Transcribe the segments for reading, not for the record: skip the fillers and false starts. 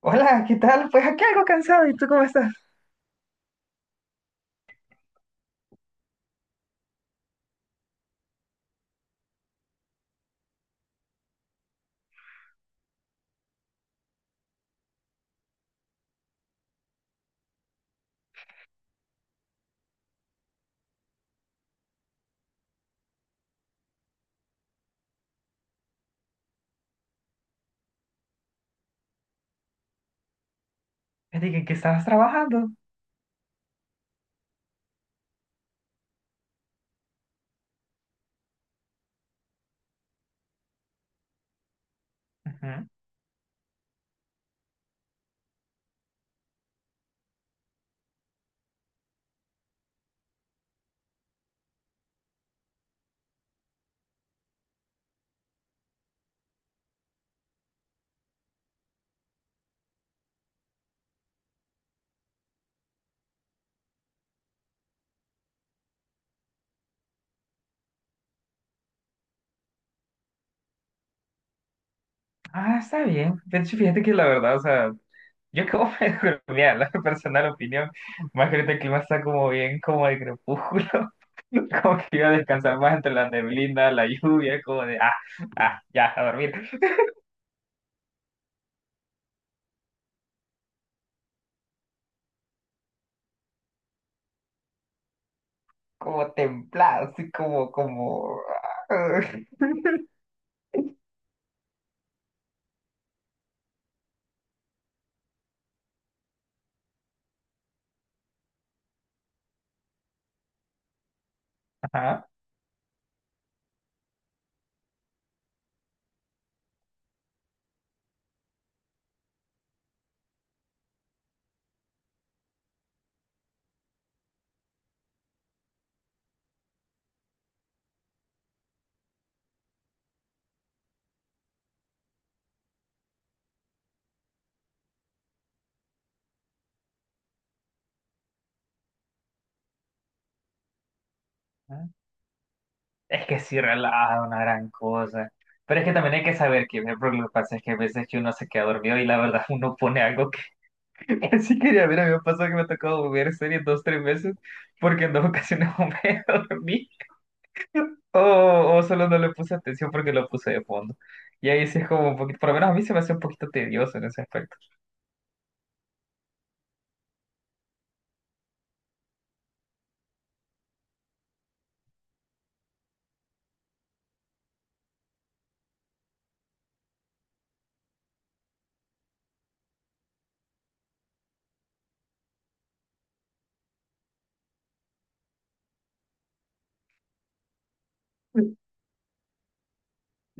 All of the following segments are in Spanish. Hola, ¿qué tal? Pues aquí algo cansado, ¿y tú cómo estás? Me dije que estabas trabajando. Ujú. Ah, está bien. De hecho, fíjate que la verdad, o sea, yo acabo de mira, la personal opinión, más que ahorita el clima está como bien, como de crepúsculo, como que iba a descansar más entre la neblina, la lluvia, como de, ya, a dormir, como templado, así como, ah, ajá. Es que sí relaja una gran cosa. Pero es que también hay que saber que por lo que pasa es que a veces que uno se queda dormido y la verdad uno pone algo que, que sí quería ver. A mí me pasó que me ha tocado ver series dos, tres veces porque en dos ocasiones me dormí o solo no le puse atención porque lo puse de fondo. Y ahí sí es como un poquito, por lo menos a mí se me hace un poquito tedioso en ese aspecto.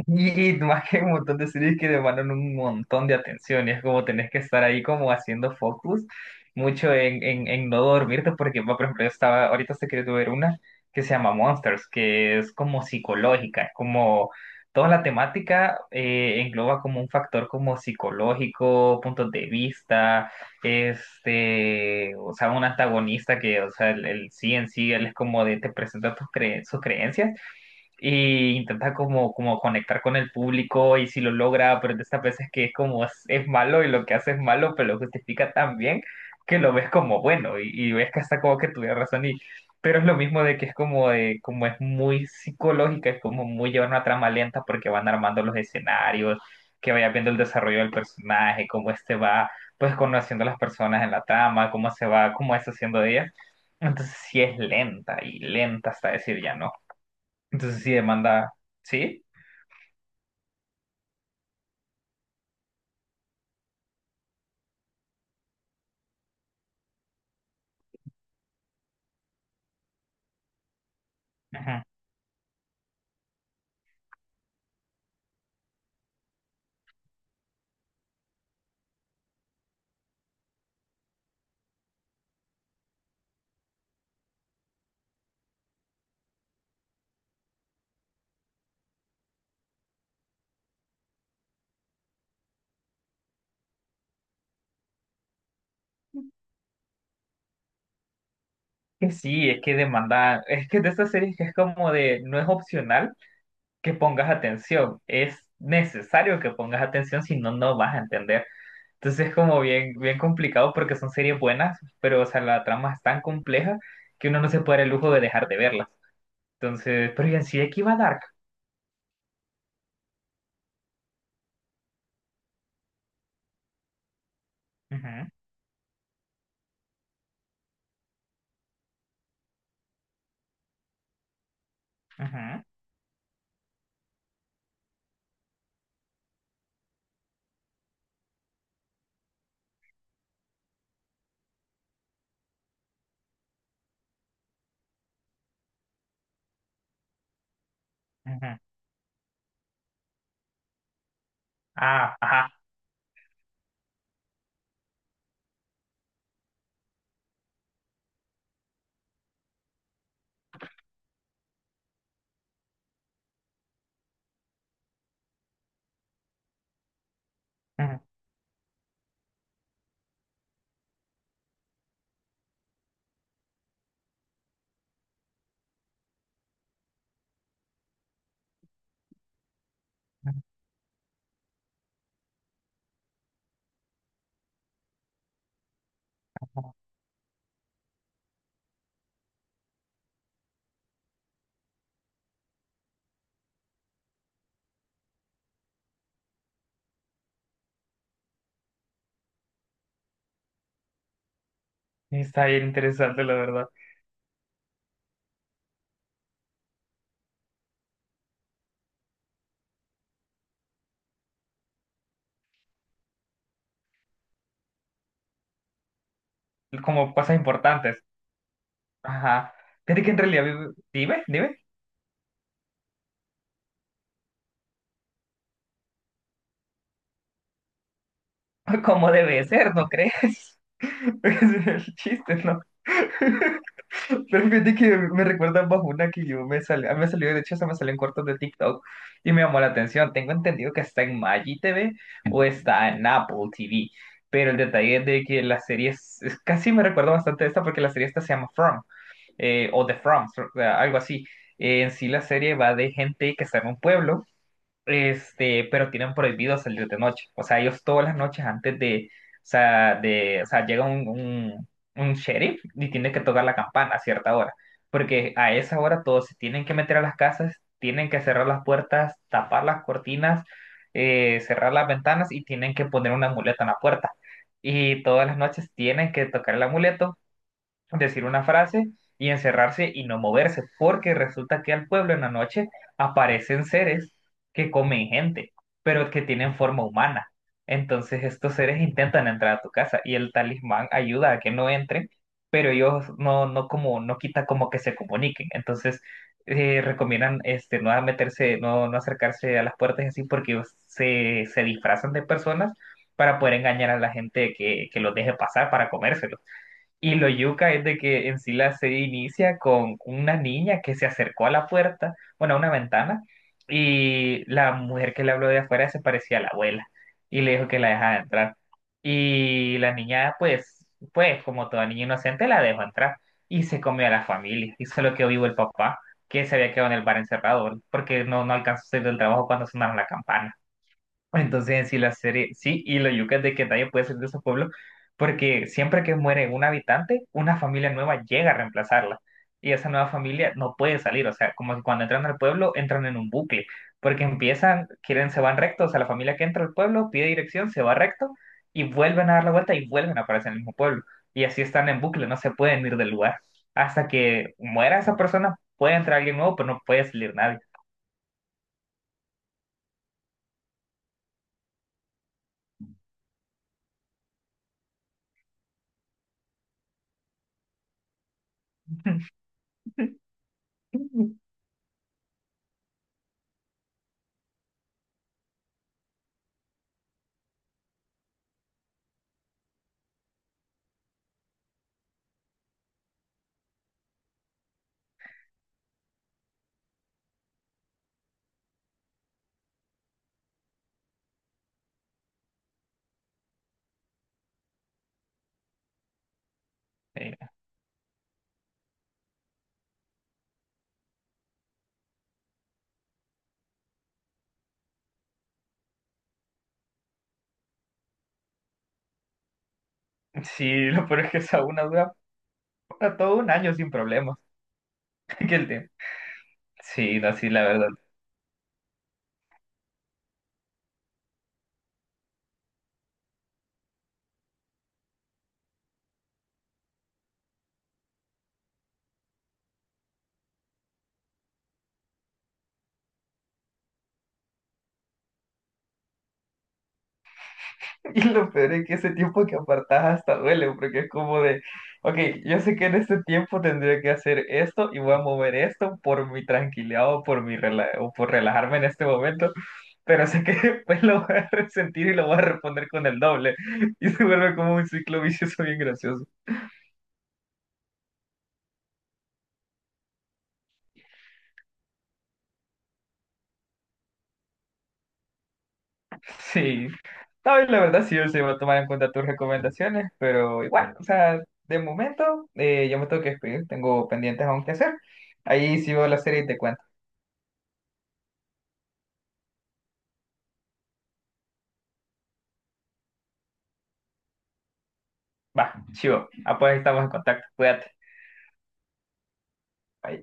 Y más que hay un montón de series que demandan un montón de atención, y es como tenés que estar ahí como haciendo focus mucho en no dormirte, porque va, por ejemplo, yo estaba, ahorita estoy queriendo ver una que se llama Monsters, que es como psicológica, es como toda la temática engloba como un factor como psicológico, puntos de vista, este, o sea, un antagonista que, o sea, el sí en sí, él es como de, te presenta tus sus creencias e intenta como, como conectar con el público y si lo logra, pero de estas veces que es es malo y lo que hace es malo, pero lo justifica tan bien que lo ves como bueno y ves que hasta como que tuviera razón y pero es lo mismo de que es como de, como es muy psicológica, es como muy llevar una trama lenta porque van armando los escenarios, que vaya viendo el desarrollo del personaje, cómo este va pues conociendo a las personas en la trama, cómo se va, cómo es haciendo de ellas. Entonces sí es lenta y lenta hasta decir ya no. Entonces sí demanda, ¿sí? Ajá. Que sí, es que demanda, es que de estas series que es como de, no es opcional que pongas atención, es necesario que pongas atención, si no, no vas a entender. Entonces es como bien, bien complicado porque son series buenas, pero o sea, la trama es tan compleja que uno no se puede dar el lujo de dejar de verlas. Entonces, pero y en sí, aquí va Dark. Ajá, ajá, ajá. Ah, ajá. Ajá. Está bien interesante, la verdad. Como cosas importantes. Ajá. Fíjate que en realidad, dime, dime, cómo debe ser, ¿no crees? Ese es el chiste, ¿no? Pero fíjate que me recuerda bajo una que yo me salió, de hecho, se me salió en cortos de TikTok y me llamó la atención. Tengo entendido que está en Maggi TV o está en Apple TV, pero el detalle es de que la serie casi me recuerda bastante a esta porque la serie esta se llama From o The From, algo así. En sí, la serie va de gente que está en un pueblo. Este, pero tienen prohibido salir de noche. O sea, ellos todas las noches antes de, o sea, llega un sheriff y tiene que tocar la campana a cierta hora. Porque a esa hora todos se tienen que meter a las casas, tienen que cerrar las puertas, tapar las cortinas, cerrar las ventanas y tienen que poner un amuleto en la puerta. Y todas las noches tienen que tocar el amuleto, decir una frase y encerrarse y no moverse, porque resulta que al pueblo en la noche aparecen seres que comen gente, pero que tienen forma humana. Entonces estos seres intentan entrar a tu casa y el talismán ayuda a que no entren, pero ellos no, no como, no quita como que se comuniquen. Entonces recomiendan este, no meterse, no, no acercarse a las puertas y así porque ellos se, se disfrazan de personas para poder engañar a la gente que los deje pasar para comérselos. Y lo yuca es de que en sí la serie inicia con una niña que se acercó a la puerta, bueno, a una ventana, y la mujer que le habló de afuera se parecía a la abuela y le dijo que la dejara entrar. Y la niña, pues, pues, como toda niña inocente, la dejó entrar y se comió a la familia y solo quedó vivo el papá, que se había quedado en el bar encerrado porque no, no alcanzó a salir del trabajo cuando sonaron la campana. Entonces, si la serie, sí, y lo yuca es de que nadie puede ser de ese pueblo, porque siempre que muere un habitante, una familia nueva llega a reemplazarla. Y esa nueva familia no puede salir, o sea, como que cuando entran al pueblo, entran en un bucle, porque empiezan, quieren, se van recto, o sea, la familia que entra al pueblo pide dirección, se va recto, y vuelven a dar la vuelta y vuelven a aparecer en el mismo pueblo. Y así están en bucle, no se pueden ir del lugar. Hasta que muera esa persona, puede entrar alguien nuevo, pero no puede salir nadie. Eh, Sí, lo peor es que esa es una duda. No, todo un año sin problemas. Aquel tiempo. Sí, no, sí, la verdad. Y lo peor es que ese tiempo que apartás hasta duele, porque es como de, ok, yo sé que en este tiempo tendría que hacer esto y voy a mover esto por mi tranquilidad o por mi o por relajarme en este momento, pero sé que después lo voy a resentir y lo voy a responder con el doble. Y se vuelve como un ciclo vicioso bien gracioso. Sí, no, y la verdad sí, yo sí voy a tomar en cuenta tus recomendaciones, pero igual, o sea, de momento yo me tengo que despedir, tengo pendientes aún que hacer. Ahí sí veo la serie y te cuento. Va, chivo, ah, pues estamos en contacto, cuídate. Bye.